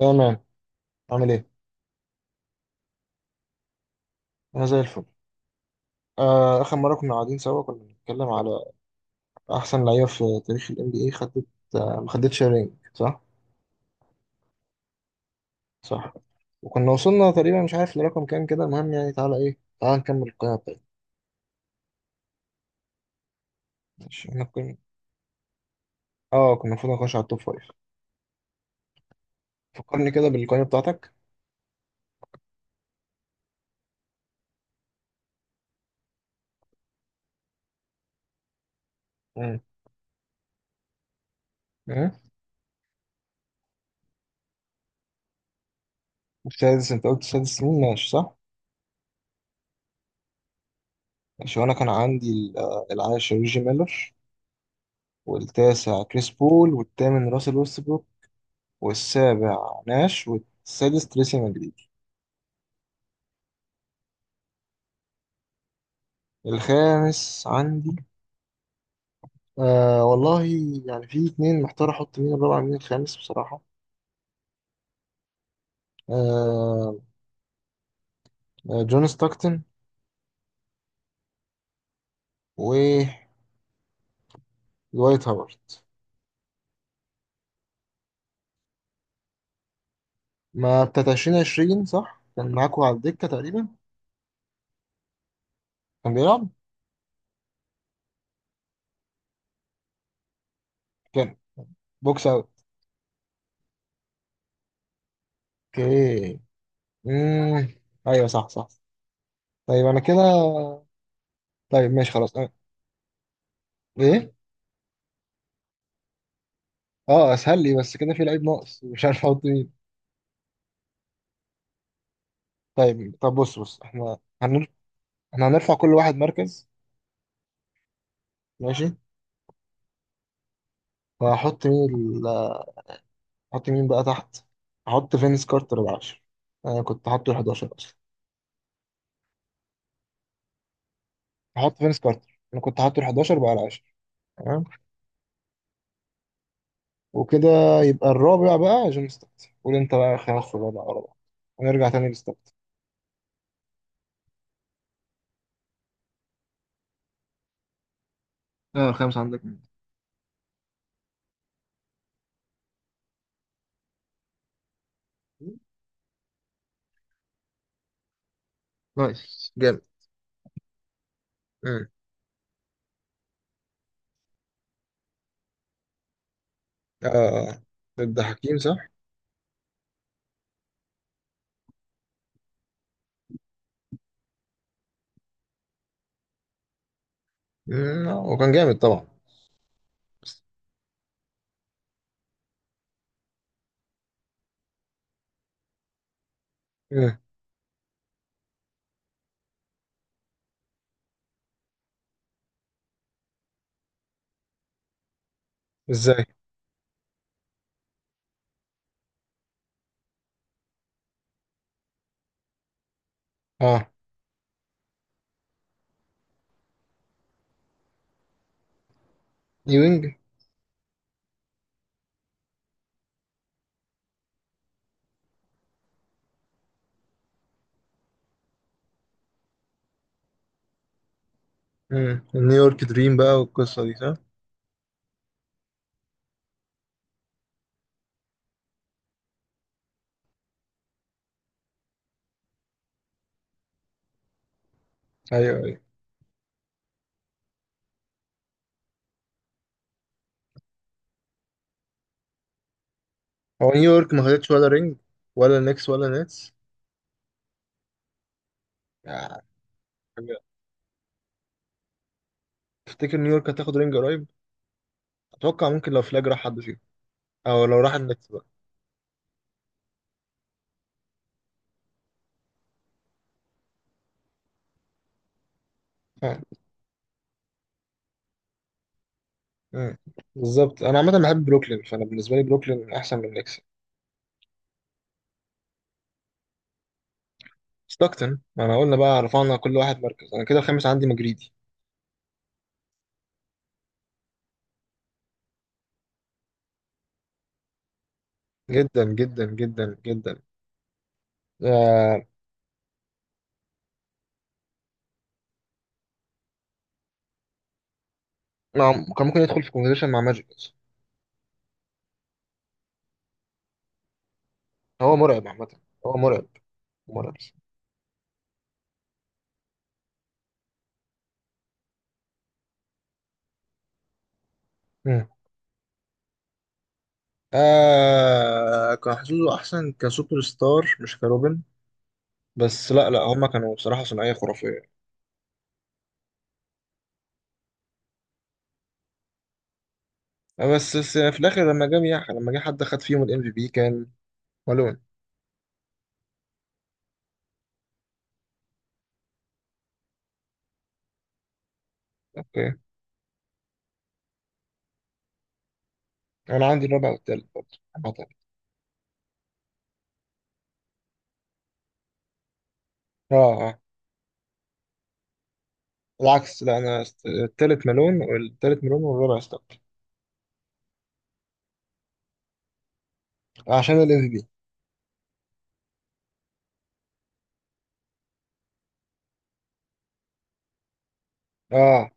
تمام. عامل ايه؟ انا زي الفل. اخر مره كنا قاعدين سوا كنا بنتكلم على احسن لعيبه في تاريخ الام بي اي خدت، ما خدتش رينج صح؟ صح. وكنا وصلنا تقريبا مش عارف لرقم كام كده، المهم يعني تعالى ايه، تعالى نكمل القائمه بتاعتنا. ماشي احنا كنا، اه كنا المفروض نخش على التوب فايف. فكرني كده بالقائمه بتاعتك. امم. ايه. السادس انت قلت السادس مين ماشي صح؟ ماشي وانا كان عندي العاشر ريجي ميلر، والتاسع كريس بول، والثامن راسل ويست، والسابع ناش، والسادس تريسي مدريدي. الخامس عندي، آه والله، يعني في اتنين محتار احط مين الرابع مين الخامس بصراحة. آه. جون ستاكتن ودوايت هاورد. ما بتاعت 2020 صح؟ كان معاكوا على الدكة تقريبا. كان بيلعب؟ كان بوكس اوت. اوكي. مم. ايوه صح صح. طيب انا كده. طيب ماشي خلاص أه. ايه؟ اه اسهل لي بس كده في لعيب ناقص مش عارف احط مين. طيب طب بص بص احنا احنا هنرفع كل واحد مركز. ماشي. فهحط مين ال... هحط مين بقى تحت. هحط فينس كارتر على 10، انا كنت حاطه ال 11 اصلا. هحط فينس كارتر انا كنت حاطه ال 11 بقى على 10. تمام. وكده يبقى الرابع بقى جون ستوكس، قول انت بقى خمس ورابع ورا بعض ونرجع تاني لستوكس. اه خمسة عندك مين؟ نايس جامد. امم. آه ضد حكيم صح؟ هو كان جامد طبعا. بس- امم. ازاي؟ اه. نيوينج. نيويورك دريم بقى والقصة دي صح؟ ايوه ايوه. هو نيويورك ما خدتش ولا رينج ولا نكس ولا نتس يعني. تفتكر نيويورك هتاخد رينج قريب؟ اتوقع ممكن لو فلاج راح حد فيهم، او لو راح النكس بقى. آه. آه. بالظبط. انا عامه بحب بروكلين، فانا بالنسبه لي بروكلين احسن من النكس. ستوكتن. ما انا قلنا بقى رفعنا كل واحد مركز، انا كده الخامس عندي مجريدي. جدا جدا جدا جدا. آه. نعم كان ممكن يدخل في كونفرسيشن مع ماجيك بس. هو مرعب عامه. هو مرعب. مرعب. مم. آه كان حظوظه احسن كسوبر ستار مش كروبن. بس لا لا هما كانوا بصراحة ثنائية خرافية. بس في الآخر لما لما جه حد خد فيهم الام في بي كان بالون. اوكي. انا عندي الرابع والتالت برضه عامة. اه. اه. العكس. لا انا التالت مالون، والتالت مالون والرابع ستوك. عشان الام في بي. اه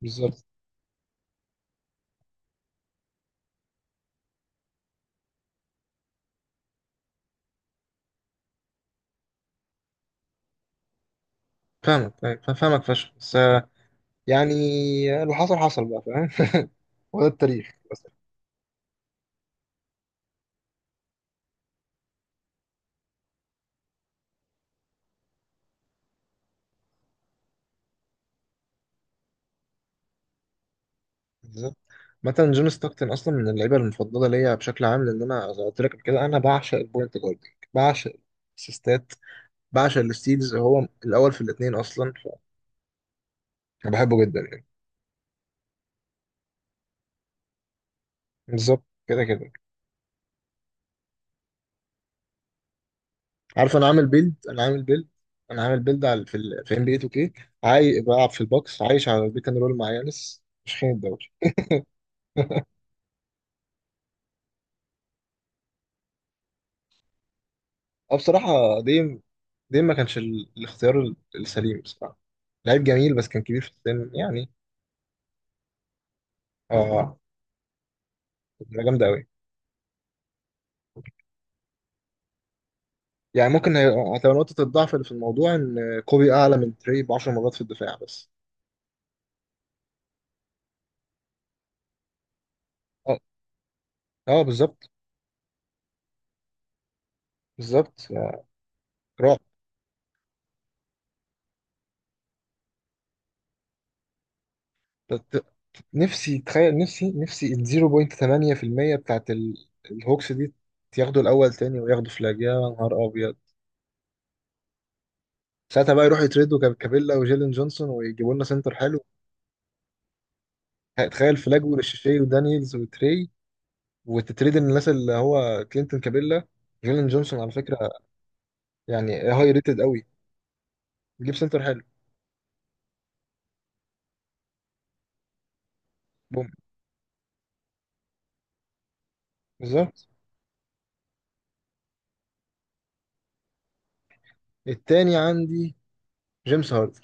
بالظبط. فاهمك فشخ بس، يعني اللي حصل حصل بقى فاهم وده التاريخ بس. بالظبط. مثلا جون ستوكتن اصلا من اللعيبه المفضله ليا بشكل عام، لان انا زي ما قلت لك قبل كده انا بعشق البوينت جارد. بعشق السيستات، بعشق الستيلز، هو الاول في الاثنين اصلا. فانا بحبه جدا يعني. بالظبط كده كده. عارف. انا عامل بيلد انا عامل بيلد على في ال في ام بي اي 2 كي. عاي بلعب في البوكس عايش على البيك اند رول مع يانس مش خين الدوري. اه بصراحه. ديم. ديم ما كانش الاختيار السليم بصراحه. لعيب جميل بس كان كبير في السن يعني. اه. كانت جامده قوي. يعني ممكن هتبقى نقطه الضعف اللي في الموضوع ان كوبي اعلى من تري ب 10 مرات في الدفاع بس. اه. اه بالظبط. بالظبط. رعب. نفسي تخيل، نفسي ال 0.8% بتاعت الهوكس دي ياخدوا الاول تاني وياخدوا فلاج، يا نهار ابيض. ساعتها بقى يروحوا يتريدوا كابيلا وجيلين جونسون ويجيبوا لنا سنتر حلو. تخيل فلاج وريشيشي ودانييلز وتري، وتتريد الناس اللي هو كلينتون كابيلا، جيلين جونسون على فكره. يعني هاي ريتد قوي. جيب سنتر حلو. بوم. بالظبط. التاني عندي جيمس هاردن،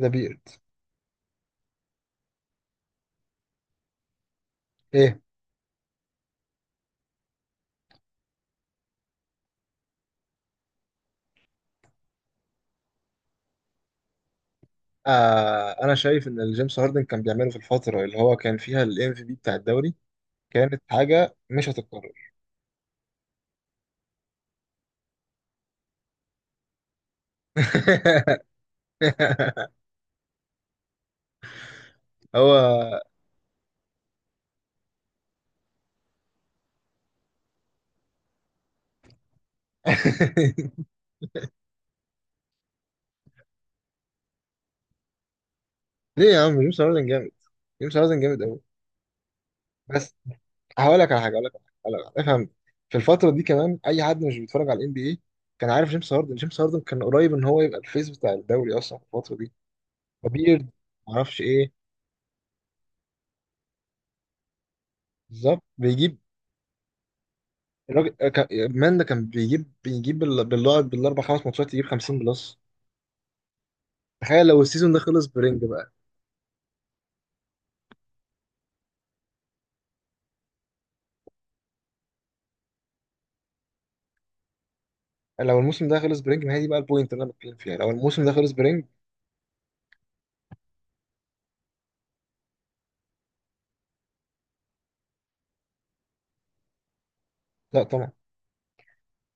ذا بيرد. ايه. آه انا شايف ان الجيمس هاردن كان بيعمله في الفتره اللي هو كان فيها الام في بي بتاع الدوري كانت حاجة مش هتتكرر. هو. ليه يا عم جيمس هاردن جامد. جيمس هاردن جامد قوي. بس. هقول لك على حاجة هقول لك على حاجة هقول لك على حاجة. افهم. في الفترة دي كمان أي حد مش بيتفرج على الان بي اي كان عارف جيمس هاردن. جيمس هاردن كان قريب إن هو يبقى الفيس بتاع الدوري أصلا في الفترة دي. كبير. معرفش إيه. بالظبط بيجيب. الراجل، مان ده كان بيجيب بالله بالأربع خمس ماتشات يجيب 50 بلس. تخيل لو السيزون ده خلص برينج. لو الموسم ده خلص برينج، ما هي دي بقى البوينت اللي انا بتكلم فيها، لو الموسم ده خلص برينج. لا طبعا.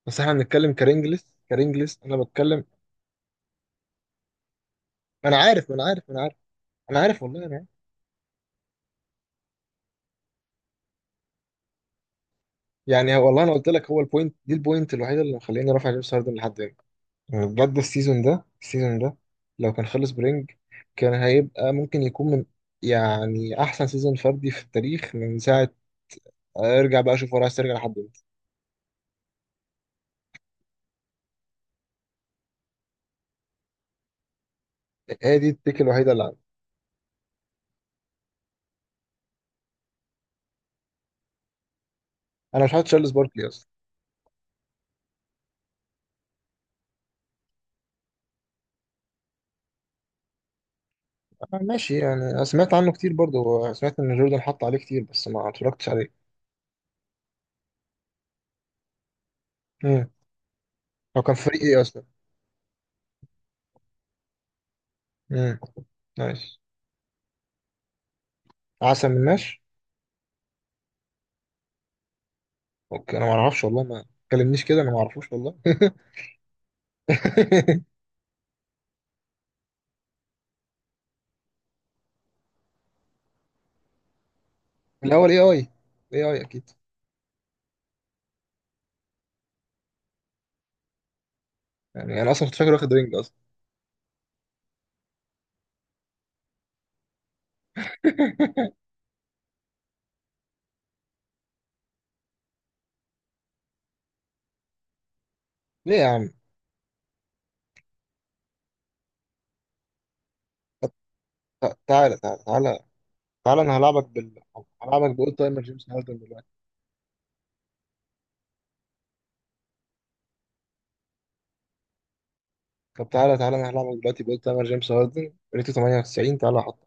بس احنا بنتكلم كرينجلس، كرينجلس انا بتكلم. انا عارف انا عارف والله انا عارف. يعني هو والله انا قلت لك، هو البوينت دي البوينت الوحيده اللي مخليني رافع جيمس هاردن لحد هنا. يعني بجد السيزون ده لو كان خلص برينج كان هيبقى ممكن يكون من يعني احسن سيزون فردي في التاريخ من ساعه. ارجع بقى اشوف هو عايز ترجع لحد امتى. هي دي التيك الوحيده اللي عندي. انا مش حاطط تشارلز باركلي اصلا. ماشي يعني أنا سمعت عنه كتير، برضه سمعت ان جوردن حط عليه كتير بس ما اتفرجتش عليه. امم. هو كان فريق ايه اصلا. امم. نايس. عسل من ماش. اوكي انا ما اعرفش والله، ما كلمنيش كده انا ما اعرفوش والله. الاول اي اي. اي اي اكيد. يعني انا اصلا كنت فاكر واخد رينج اصلا. ليه يا عم؟ تعالى تعالى انا هلعبك بال، هلعبك باول تايمر جيمس هاردن دلوقتي. طب تعالى تعالى انا هلعبك دلوقتي باول تايمر جيمس هاردن ريتو 98، تعالى احط